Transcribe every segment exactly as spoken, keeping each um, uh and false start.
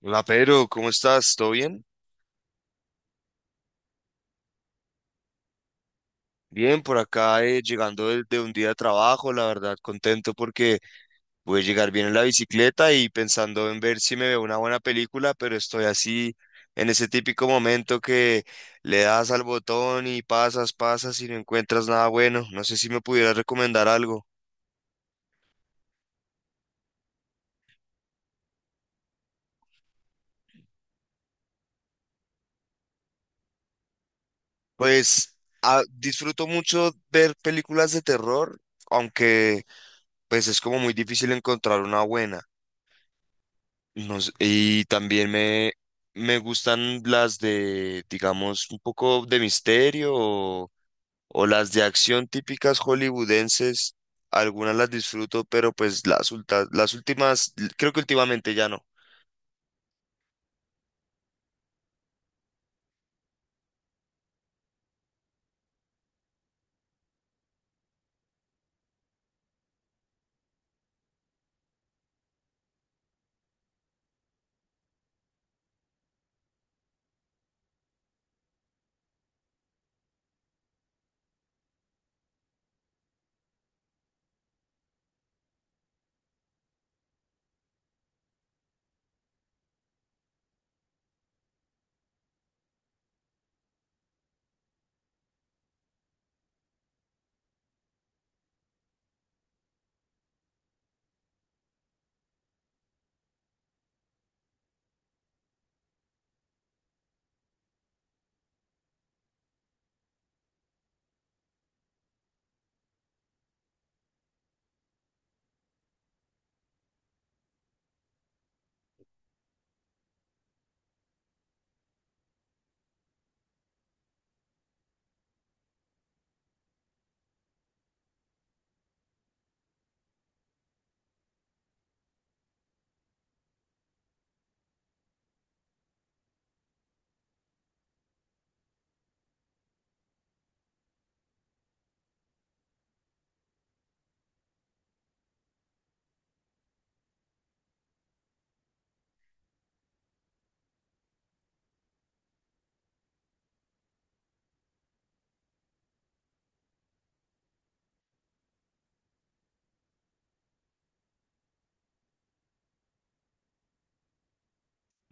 Hola, Pedro, ¿cómo estás? ¿Todo bien? Bien, por acá eh, llegando de, de un día de trabajo, la verdad contento porque voy a llegar bien en la bicicleta y pensando en ver si me veo una buena película, pero estoy así en ese típico momento que le das al botón y pasas, pasas y no encuentras nada bueno. No sé si me pudieras recomendar algo. Pues ah, disfruto mucho ver películas de terror, aunque pues es como muy difícil encontrar una buena. No sé, y también me, me gustan las de, digamos, un poco de misterio o, o las de acción típicas hollywoodenses. Algunas las disfruto, pero pues las, ulta- las últimas, l- creo que últimamente ya no.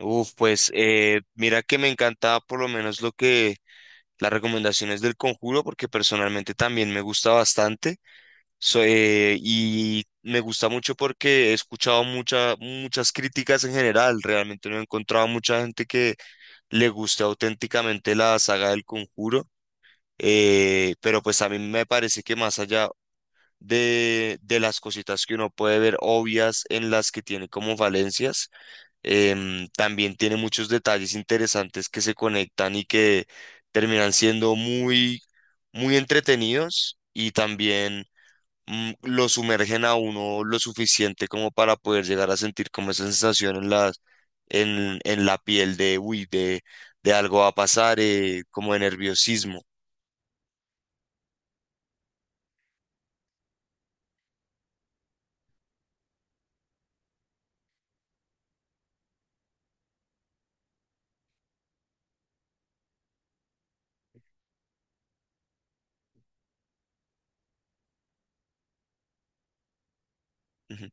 Uf, pues eh, mira que me encanta por lo menos lo que las recomendaciones del Conjuro, porque personalmente también me gusta bastante. So- eh, y me gusta mucho porque he escuchado mucha- muchas críticas en general. Realmente no he encontrado mucha gente que le guste auténticamente la saga del Conjuro. eh, pero pues a mí me parece que más allá de, de las cositas que uno puede ver obvias en las que tiene como falencias, em, también tiene muchos detalles interesantes que se conectan y que terminan siendo muy, muy entretenidos y también mm, lo sumergen a uno lo suficiente como para poder llegar a sentir como esa sensación en las, en, en la piel de, uy, de, de algo va a pasar, eh, como de nerviosismo. Ujú.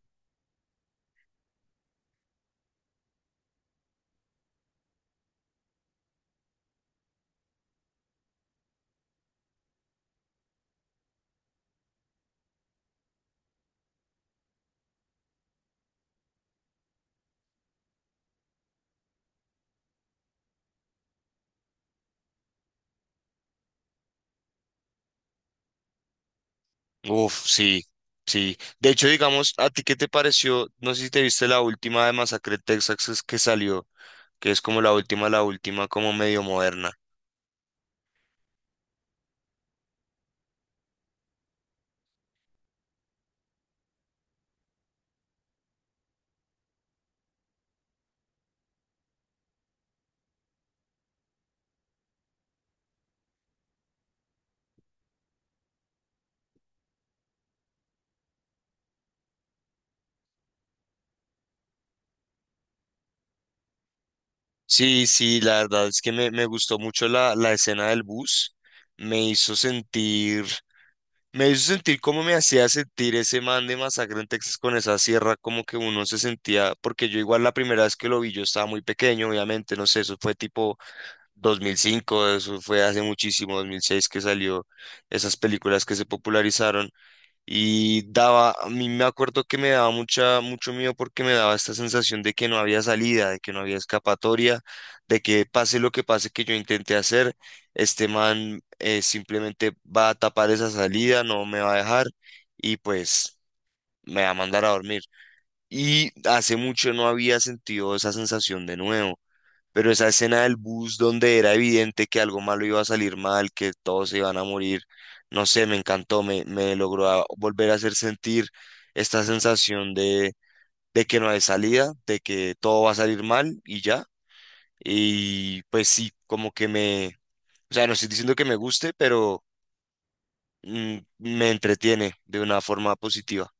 Uf, sí, sí. De hecho, digamos, ¿a ti qué te pareció? No sé si te viste la última de Masacre en Texas que salió, que es como la última, la última, como medio moderna. Sí, sí, la verdad es que me, me gustó mucho la, la escena del bus. Me hizo sentir Me hizo sentir como me hacía sentir ese man de Masacre en Texas con esa sierra, como que uno se sentía, porque yo igual la primera vez que lo vi, yo estaba muy pequeño, obviamente, no sé, eso fue tipo dos mil cinco. Eso fue hace muchísimo, dos mil seis que salió esas películas que se popularizaron. Y daba, a mí me acuerdo que me daba mucha, mucho miedo porque me daba esta sensación de que no había salida, de que no había escapatoria, de que pase lo que pase que yo intenté hacer, este man eh, simplemente va a tapar esa salida, no me va a dejar y pues me va a mandar a dormir. Y hace mucho no había sentido esa sensación de nuevo, pero esa escena del bus donde era evidente que algo malo iba a salir mal, que todos se iban a morir, no sé, me encantó, me, me logró a- volver a hacer sentir esta sensación de, de que no hay salida, de que todo va a salir mal y ya. Y pues sí, como que me, o sea, no estoy diciendo que me guste, pero mm, me entretiene de una forma positiva.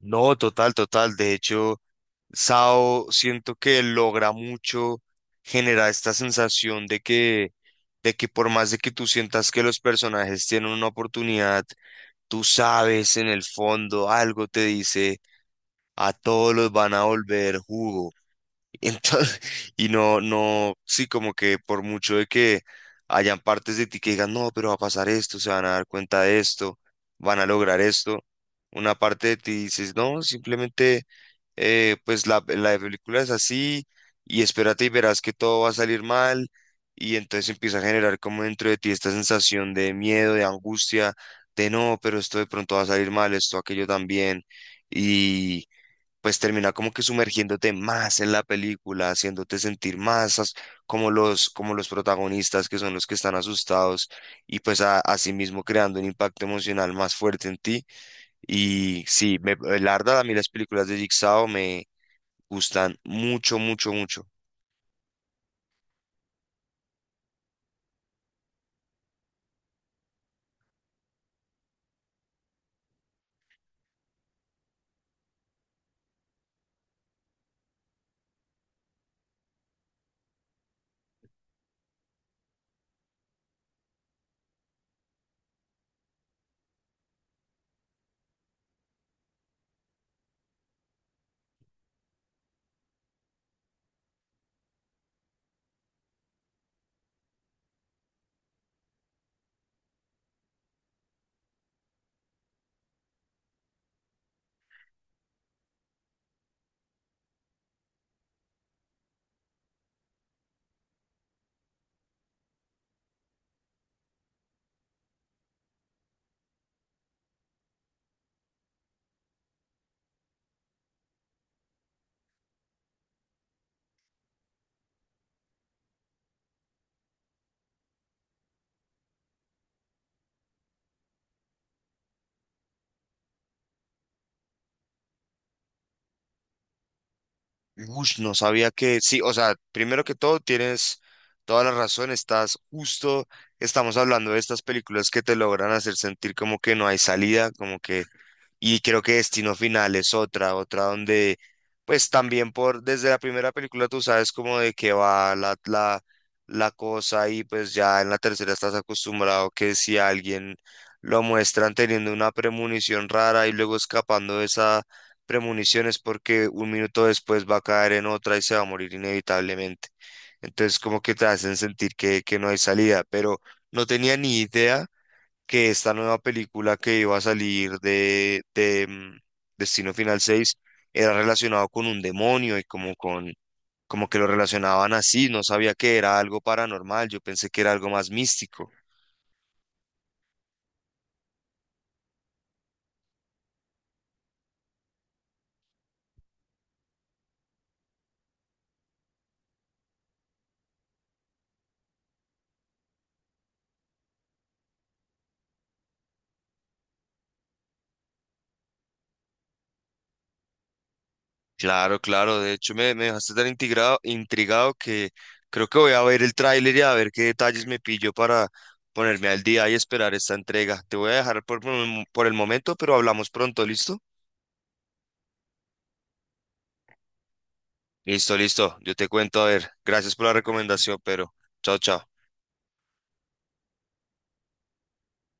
No, total, total. De hecho, Sao siento que logra mucho generar esta sensación de que, de que por más de que tú sientas que los personajes tienen una oportunidad, tú sabes en el fondo algo te dice, a todos los van a volver jugo. Entonces, y no, no, sí, como que por mucho de que hayan partes de ti que digan, no, pero va a pasar esto, se van a dar cuenta de esto, van a lograr esto, una parte de ti dices, no, simplemente, eh, pues la, la película es así y espérate y verás que todo va a salir mal y entonces empieza a generar como dentro de ti esta sensación de miedo, de angustia, de no, pero esto de pronto va a salir mal, esto, aquello también. Y pues termina como que sumergiéndote más en la película, haciéndote sentir más as- como los, como los protagonistas que son los que están asustados y pues a, así mismo creando un impacto emocional más fuerte en ti. Y sí, me, eh, la verdad a mí las películas de Jigsaw me gustan mucho, mucho, mucho. Ush, no sabía que, sí, o sea, primero que todo tienes toda la razón, estás justo, estamos hablando de estas películas que te logran hacer sentir como que no hay salida, como que. Y creo que Destino Final es otra, otra donde, pues también por, desde la primera película tú sabes como de qué va la, la, la cosa y pues ya en la tercera estás acostumbrado que si a alguien lo muestran teniendo una premonición rara y luego escapando de esa premonición es porque un minuto después va a caer en otra y se va a morir inevitablemente. Entonces como que te hacen sentir que, que no hay salida, pero no tenía ni idea que esta nueva película que iba a salir de, de mm, Destino Final seis era relacionado con un demonio y como con, como que lo relacionaban así, no sabía que era algo paranormal, yo pensé que era algo más místico. Claro, claro, de hecho me, me dejaste tan intrigado, intrigado que creo que voy a ver el tráiler y a ver qué detalles me pillo para ponerme al día y esperar esta entrega. Te voy a dejar por, por el momento, pero hablamos pronto, ¿listo? Listo, listo. Yo te cuento, a ver. Gracias por la recomendación, pero chao, chao.